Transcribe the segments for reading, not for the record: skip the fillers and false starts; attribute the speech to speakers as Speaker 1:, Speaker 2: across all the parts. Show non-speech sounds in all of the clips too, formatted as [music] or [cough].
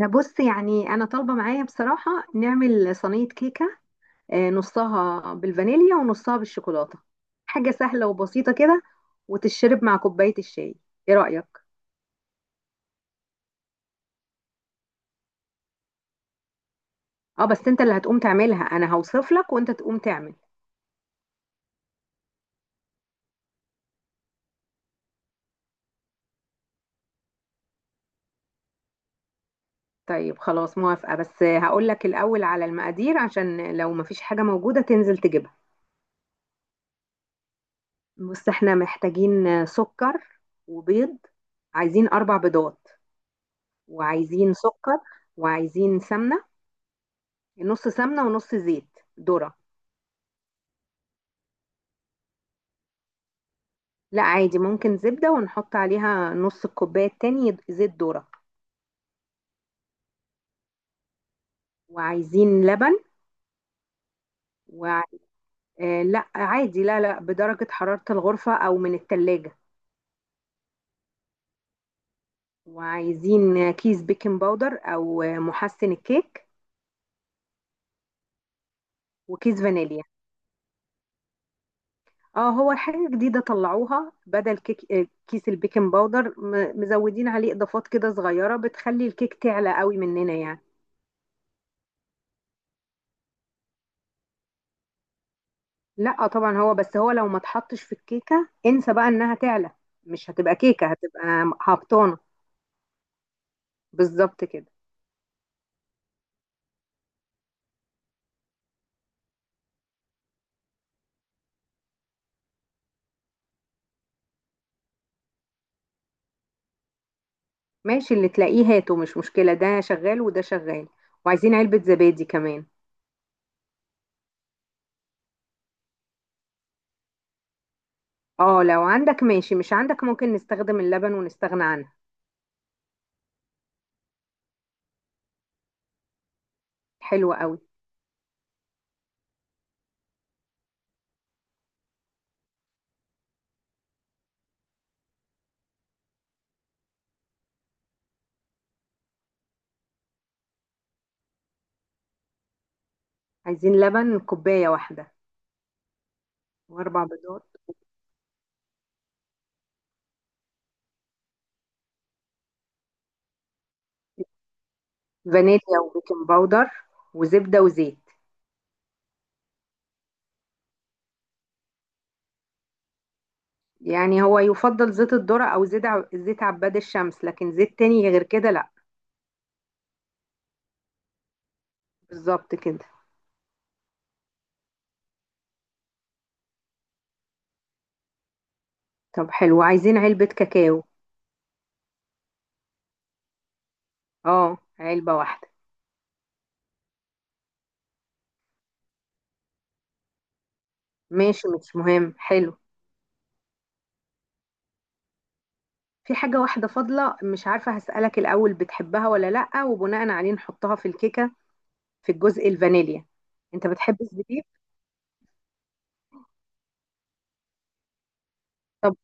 Speaker 1: آه، بص يعني انا طالبه معايا بصراحه نعمل صينيه كيكه. آه، نصها بالفانيليا ونصها بالشوكولاته. حاجه سهله وبسيطه كده، وتشرب مع كوبايه الشاي. ايه رايك؟ اه بس انت اللي هتقوم تعملها، انا هوصف لك وانت تقوم تعمل. طيب خلاص موافقه، بس هقول لك الاول على المقادير عشان لو مفيش حاجه موجوده تنزل تجيبها. بص احنا محتاجين سكر وبيض. عايزين اربع بيضات، وعايزين سكر، وعايزين سمنه. نص سمنة ونص زيت ذرة. لا عادي ممكن زبدة، ونحط عليها نص الكوباية التاني زيت ذرة. وعايزين لبن و... آه لا عادي، لا لا، بدرجة حرارة الغرفة أو من التلاجة. وعايزين كيس بيكنج باودر أو محسن الكيك، وكيس فانيليا. اه هو حاجة جديدة طلعوها بدل كيك، آه، كيس البيكنج باودر مزودين عليه إضافات كده صغيرة بتخلي الكيك تعلى قوي مننا يعني. لا طبعا هو، بس هو لو ما اتحطش في الكيكه انسى بقى انها تعلى. مش هتبقى كيكه، هتبقى هبطانه. بالظبط كده. ماشي اللي تلاقيه هاته، مش مشكله، ده شغال وده شغال. وعايزين علبه زبادي كمان. اه لو عندك ماشي، مش عندك ممكن نستخدم اللبن ونستغنى عنها. حلو قوي. عايزين لبن كوبايه واحده. واربع بيضات. فانيليا وبيكنج باودر، وزبده وزيت. يعني هو يفضل زيت الذرة او زيت زيت عباد الشمس، لكن زيت تاني غير كده لا. بالظبط كده. طب حلو، عايزين علبة كاكاو. اه علبة واحدة. ماشي مش مهم، حلو. في حاجة واحدة فاضلة، مش عارفة، هسألك الأول بتحبها ولا لأ، وبناء عليه نحطها في الكيكة، في الجزء الفانيليا. انت بتحب الزبيب؟ طب،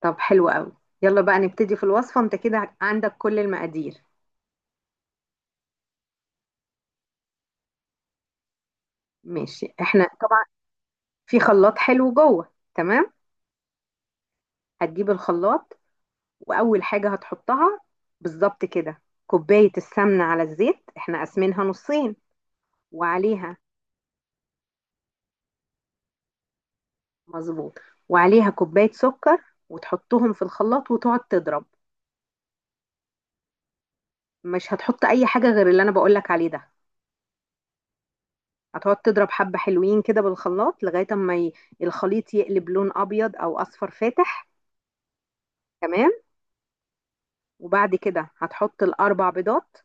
Speaker 1: طب حلو قوي. يلا بقى نبتدي في الوصفة، انت كده عندك كل المقادير. ماشي احنا طبعا في خلاط حلو جوه تمام. هتجيب الخلاط، وأول حاجة هتحطها، بالظبط كده، كوباية السمنة على الزيت احنا قاسمينها نصين. وعليها، مظبوط، وعليها كوباية سكر، وتحطهم في الخلاط وتقعد تضرب. مش هتحط اي حاجة غير اللي انا بقولك عليه ده. هتقعد تضرب حبة حلوين كده بالخلاط لغاية اما الخليط يقلب لون ابيض او اصفر فاتح. تمام. وبعد كده هتحط الاربع بيضات،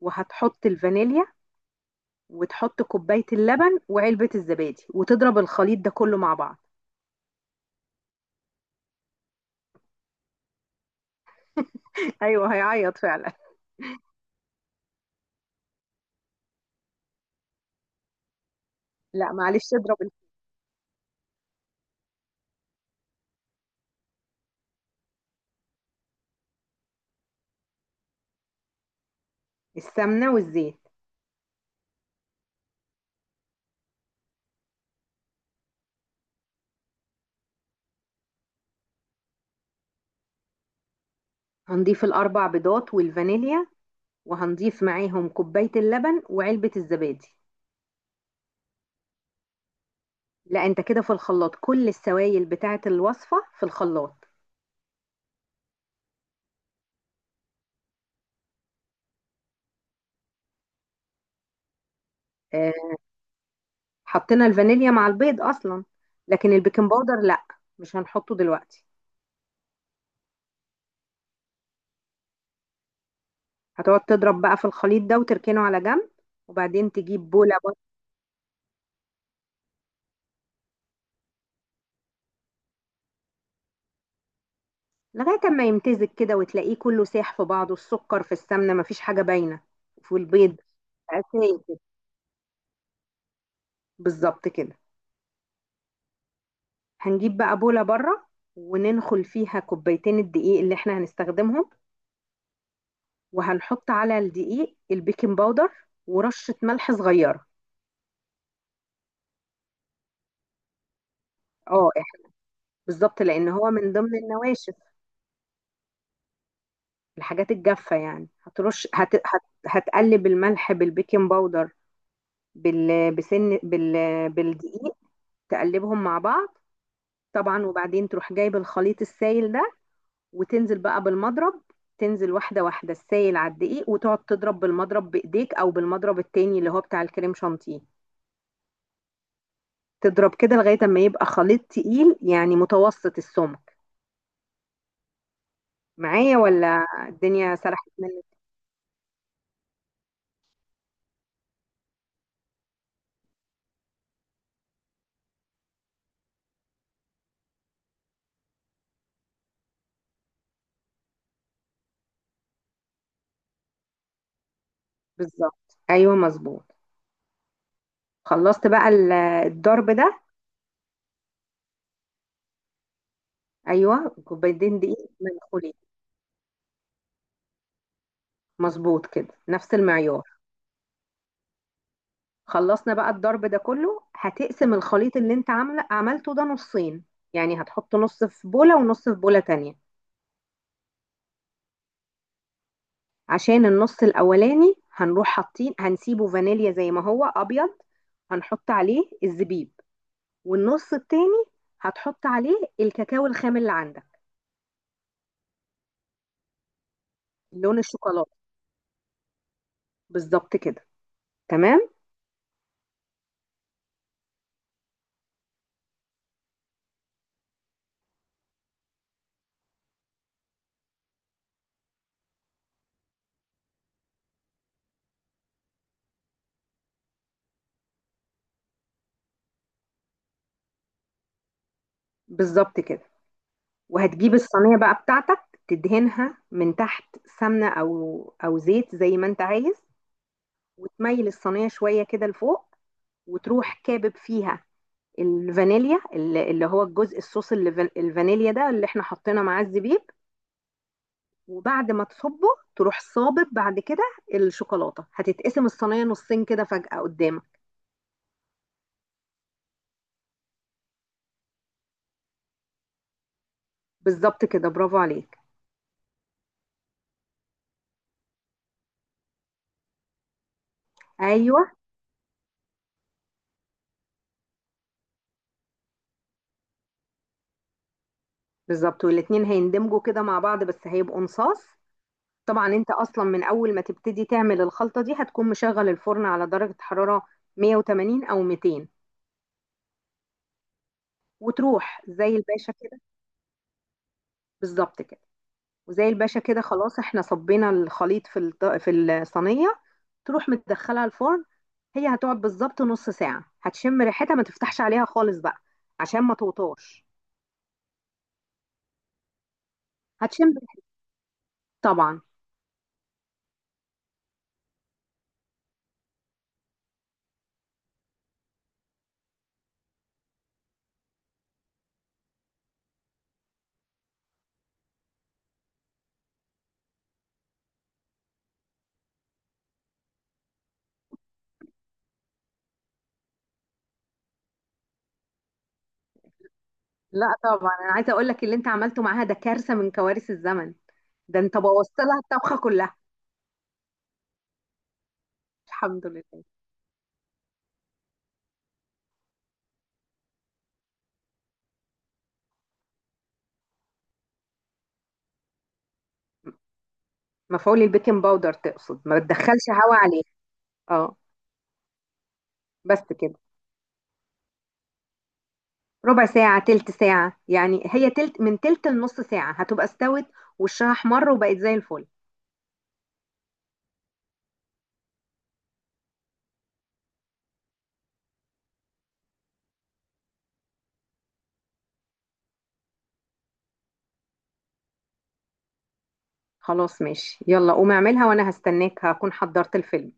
Speaker 1: وهتحط الفانيليا، وتحط كوباية اللبن وعلبة الزبادي، وتضرب الخليط ده كله مع بعض. [laughs] ايوه هيعيط فعلا. لا معلش اضرب. السمنة والزيت. هنضيف الاربع بيضات والفانيليا، وهنضيف معاهم كوباية اللبن وعلبة الزبادي. لا انت كده في الخلاط، كل السوائل بتاعة الوصفة في الخلاط. آه، حطينا الفانيليا مع البيض اصلا. لكن البيكنج باودر لا، مش هنحطه دلوقتي. هتقعد تضرب بقى في الخليط ده وتركنه على جنب، وبعدين تجيب بولة بقى، لغاية ما يمتزج كده وتلاقيه كله ساح في بعضه، السكر في السمنة، مفيش حاجة باينة. وفي البيض سايب كده. بالظبط كده. هنجيب بقى بولة بره، وننخل فيها كوبايتين الدقيق اللي احنا هنستخدمهم، وهنحط على الدقيق البيكنج باودر ورشة ملح صغيرة. اه إح- بالظبط، لان هو من ضمن النواشف، الحاجات الجافة يعني. هتقلب الملح بالبيكنج باودر بال... بسن بال... بالدقيق، تقلبهم مع بعض. طبعا وبعدين تروح جايب الخليط السائل ده، وتنزل بقى بالمضرب، تنزل واحدة واحدة السائل على الدقيق، وتقعد تضرب بالمضرب بإيديك أو بالمضرب التاني اللي هو بتاع الكريم شانتيه. تضرب كده لغاية ما يبقى خليط تقيل، يعني متوسط السمك. معايا ولا الدنيا سرحت منك؟ بالظبط ايوه مظبوط. خلصت بقى الضرب ده. ايوه كوبايتين دقيق منخولين. مظبوط كده نفس المعيار. خلصنا بقى الضرب ده كله، هتقسم الخليط اللي انت عملته ده نصين. يعني هتحط نص في بولة ونص في بولة تانية. عشان النص الاولاني هنروح حاطين، هنسيبه فانيليا زي ما هو ابيض، هنحط عليه الزبيب. والنص التاني هتحط عليه الكاكاو الخام اللي عندك. لون الشوكولاتة، بالظبط كده. تمام، بالظبط كده. وهتجيب الصينية بقى بتاعتك، تدهنها من تحت سمنة أو زيت زي ما أنت عايز. وتميل الصينية شوية كده لفوق، وتروح كابب فيها الفانيليا، اللي هو الجزء الصوص، اللي الفانيليا ده اللي احنا حطينا معاه الزبيب. وبعد ما تصبه تروح صابب بعد كده الشوكولاتة. هتتقسم الصينية نصين كده فجأة قدامك. بالظبط كده، برافو عليك. ايوه بالظبط، والاتنين هيندمجوا كده مع بعض، بس هيبقوا نصاص. طبعا انت اصلا من اول ما تبتدي تعمل الخلطة دي هتكون مشغل الفرن على درجة حرارة 180 او 200، وتروح زي الباشا كده. بالظبط كده. وزي الباشا كده خلاص، احنا صبينا الخليط في في الصينية. تروح مدخلها الفرن، هي هتقعد بالظبط نص ساعة، هتشم ريحتها، ما تفتحش عليها خالص بقى عشان ما توطاش. هتشم ريحتها، طبعا. لا طبعا انا عايزة اقول لك اللي انت عملته معاها ده كارثة من كوارث الزمن. ده انت بوظت لها الطبخة كلها. الحمد لله. مفعول البيكنج باودر تقصد، ما بتدخلش هوا عليه. اه. بس كده. ربع ساعة تلت ساعة يعني، هي تلت، من تلت لنص ساعة هتبقى استوت، وشها احمر وبقت زي الفل. خلاص ماشي، يلا قوم اعملها، وانا هستناك هكون حضرت الفيلم.